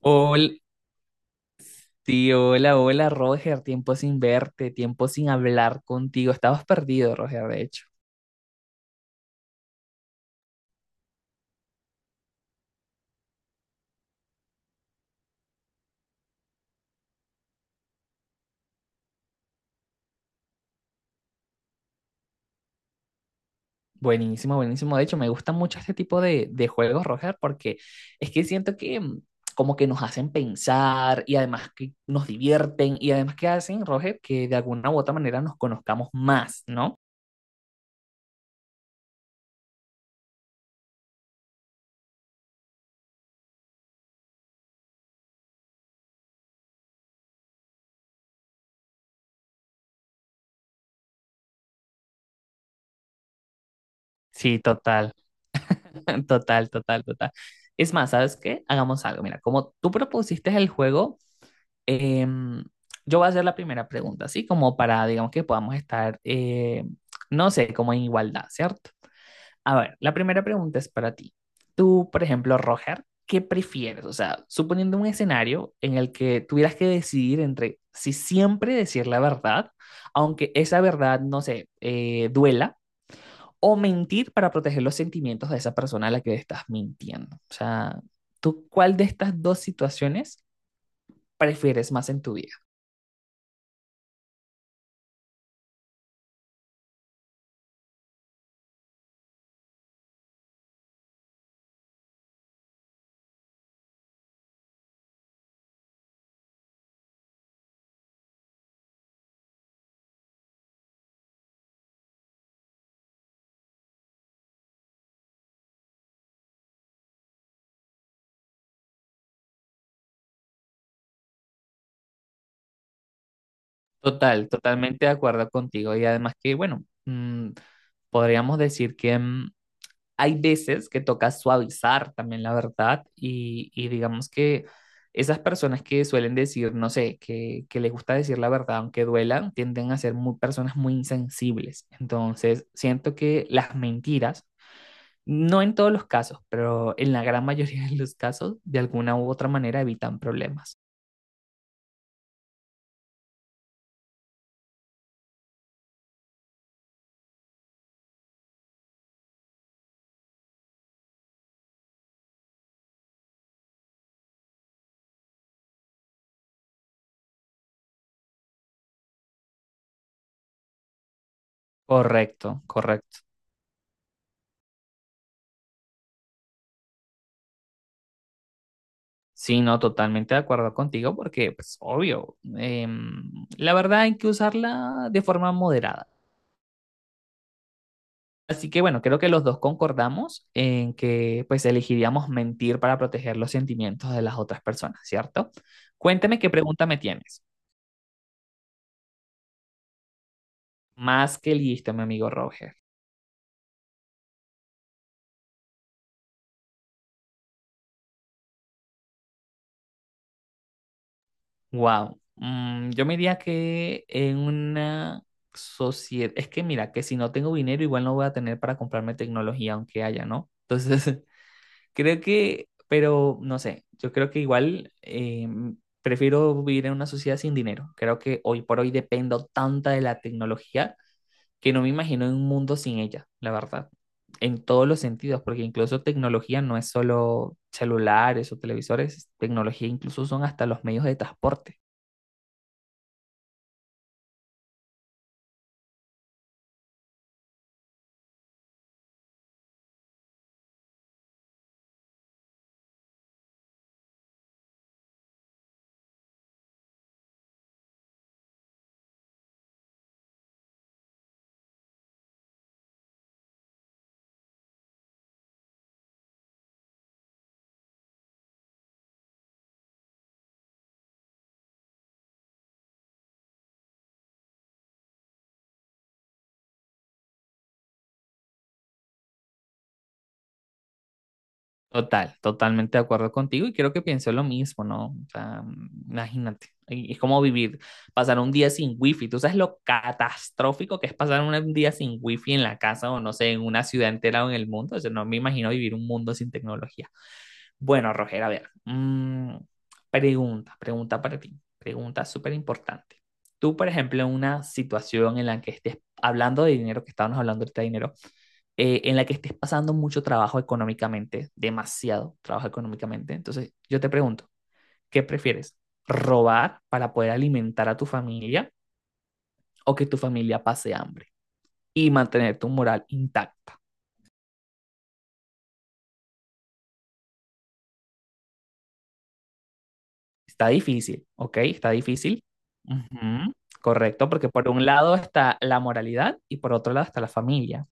Hola, tío, hola, hola, Roger. Tiempo sin verte, tiempo sin hablar contigo. Estabas perdido, Roger, de hecho. Buenísimo, buenísimo. De hecho, me gusta mucho este tipo de juegos, Roger, porque es que siento que como que nos hacen pensar y además que nos divierten y además que hacen, Roger, que de alguna u otra manera nos conozcamos más, ¿no? Sí, total, total, total, total. Es más, ¿sabes qué? Hagamos algo. Mira, como tú propusiste el juego. Em, yo voy a hacer la primera pregunta, así como para, digamos, que podamos estar, no sé, como en igualdad, ¿cierto? A ver, la primera pregunta es para ti. Tú, por ejemplo, Roger, ¿qué prefieres? O sea, suponiendo un escenario en el que tuvieras que decidir entre si siempre decir la verdad, aunque esa verdad, no sé, duela, o mentir para proteger los sentimientos de esa persona a la que estás mintiendo. O sea, ¿tú cuál de estas dos situaciones prefieres más en tu vida? Total, totalmente de acuerdo contigo. Y además que, bueno, podríamos decir que hay veces que toca suavizar también la verdad y digamos que esas personas que suelen decir, no sé, que les gusta decir la verdad aunque duelan, tienden a ser muy, personas muy insensibles. Entonces, siento que las mentiras, no en todos los casos, pero en la gran mayoría de los casos, de alguna u otra manera evitan problemas. Correcto, correcto. Sí, no, totalmente de acuerdo contigo porque, pues, obvio, la verdad hay que usarla de forma moderada. Así que, bueno, creo que los dos concordamos en que, pues, elegiríamos mentir para proteger los sentimientos de las otras personas, ¿cierto? Cuéntame qué pregunta me tienes. Más que listo, mi amigo Roger. Wow. Yo me diría que en una sociedad, es que mira, que si no tengo dinero, igual no voy a tener para comprarme tecnología, aunque haya, ¿no? Entonces, creo que, pero no sé, yo creo que igual prefiero vivir en una sociedad sin dinero. Creo que hoy por hoy dependo tanta de la tecnología que no me imagino en un mundo sin ella, la verdad, en todos los sentidos, porque incluso tecnología no es solo celulares o televisores, tecnología incluso son hasta los medios de transporte. Total, totalmente de acuerdo contigo y creo que pienso lo mismo, ¿no? O sea, imagínate, es como vivir, pasar un día sin wifi, tú sabes lo catastrófico que es pasar un día sin wifi en la casa o no sé, en una ciudad entera o en el mundo, o sea, no me imagino vivir un mundo sin tecnología. Bueno, Roger, a ver, pregunta, pregunta para ti, pregunta súper importante. Tú, por ejemplo, en una situación en la que estés hablando de dinero, que estábamos hablando ahorita de dinero, en la que estés pasando mucho trabajo económicamente, demasiado trabajo económicamente. Entonces, yo te pregunto, ¿qué prefieres? ¿Robar para poder alimentar a tu familia o que tu familia pase hambre y mantener tu moral intacta? Está difícil, ¿ok? Está difícil. Ujú. Correcto, porque por un lado está la moralidad y por otro lado está la familia.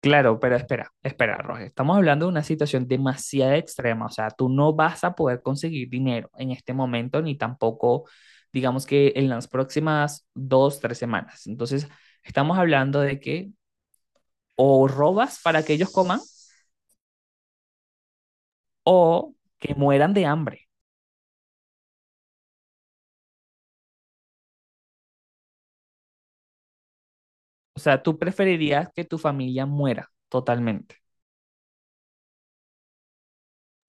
Claro, pero espera, espera, Roger. Estamos hablando de una situación demasiado extrema. O sea, tú no vas a poder conseguir dinero en este momento, ni tampoco, digamos que en las próximas dos, tres semanas. Entonces, estamos hablando de que o robas para que ellos coman o que mueran de hambre. O sea, tú preferirías que tu familia muera totalmente,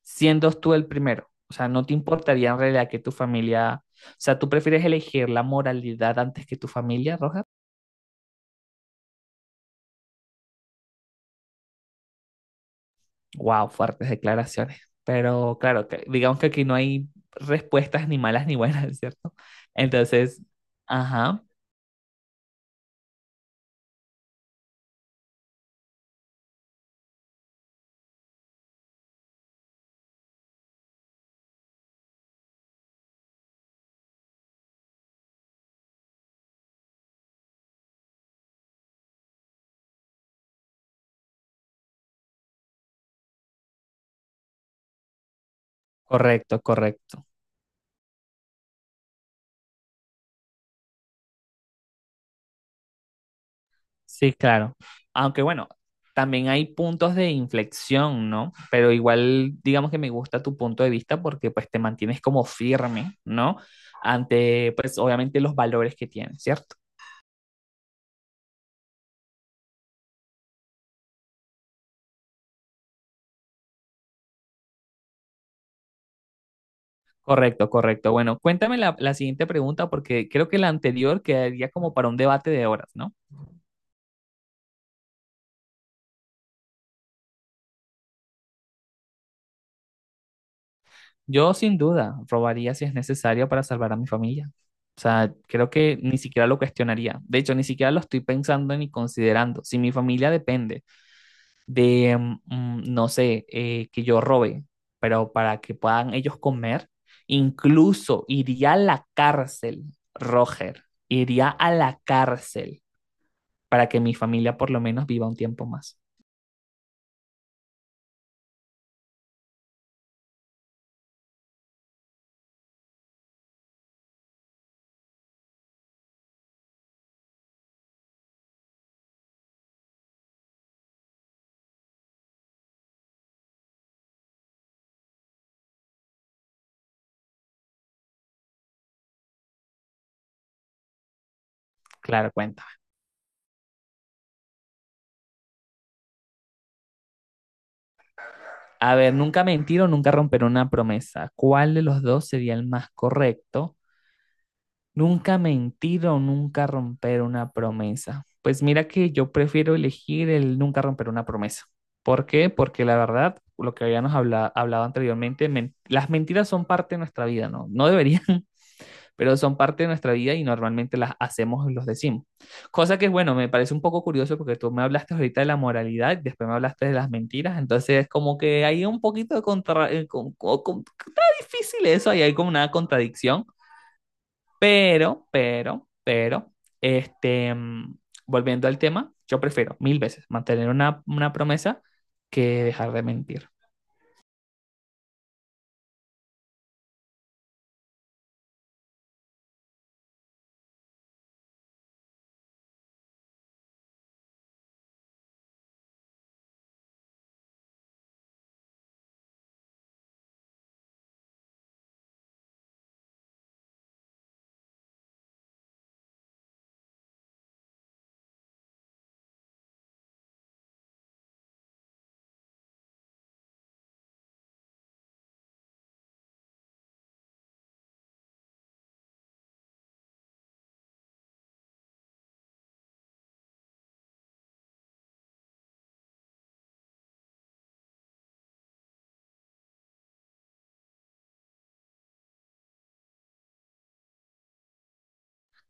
siendo tú el primero. O sea, no te importaría en realidad que tu familia, o sea, tú prefieres elegir la moralidad antes que tu familia, Roger. Wow, fuertes declaraciones. Pero claro, que, digamos que aquí no hay respuestas ni malas ni buenas, ¿cierto? Entonces, ajá, correcto, correcto. Sí, claro. Aunque bueno, también hay puntos de inflexión, ¿no? Pero igual, digamos que me gusta tu punto de vista porque pues te mantienes como firme, ¿no? Ante, pues obviamente los valores que tienes, ¿cierto? Correcto, correcto. Bueno, cuéntame la siguiente pregunta porque creo que la anterior quedaría como para un debate de horas, ¿no? Yo sin duda robaría si es necesario para salvar a mi familia. O sea, creo que ni siquiera lo cuestionaría. De hecho, ni siquiera lo estoy pensando ni considerando. Si mi familia depende de, no sé, que yo robe, pero para que puedan ellos comer, incluso iría a la cárcel, Roger, iría a la cárcel para que mi familia por lo menos viva un tiempo más. Claro, cuenta. A ver, nunca mentir o nunca romper una promesa. ¿Cuál de los dos sería el más correcto? Nunca mentir o nunca romper una promesa. Pues mira que yo prefiero elegir el nunca romper una promesa. ¿Por qué? Porque la verdad, lo que habíamos hablado anteriormente, las mentiras son parte de nuestra vida, ¿no? No deberían, pero son parte de nuestra vida y normalmente las hacemos y los decimos. Cosa que, bueno, me parece un poco curioso porque tú me hablaste ahorita de la moralidad, después me hablaste de las mentiras, entonces como que hay un poquito de contra... con- está difícil eso, ahí hay como una contradicción. Pero, este, mm, volviendo al tema, yo prefiero mil veces mantener una promesa que dejar de mentir.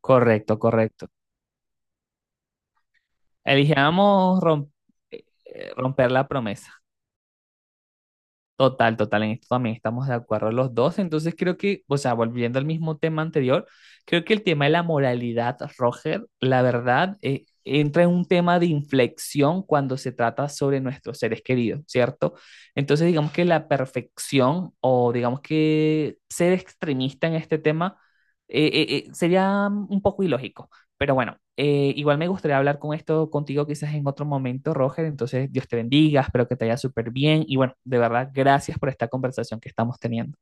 Correcto, correcto. Elijamos romp- romper la promesa. Total, total, en esto también estamos de acuerdo los dos. Entonces creo que, o sea, volviendo al mismo tema anterior, creo que el tema de la moralidad, Roger, la verdad, entra en un tema de inflexión cuando se trata sobre nuestros seres queridos, ¿cierto? Entonces digamos que la perfección o digamos que ser extremista en este tema sería un poco ilógico. Pero bueno, igual me gustaría hablar con esto contigo quizás en otro momento, Roger. Entonces, Dios te bendiga, espero que te vaya súper bien. Y bueno, de verdad, gracias por esta conversación que estamos teniendo.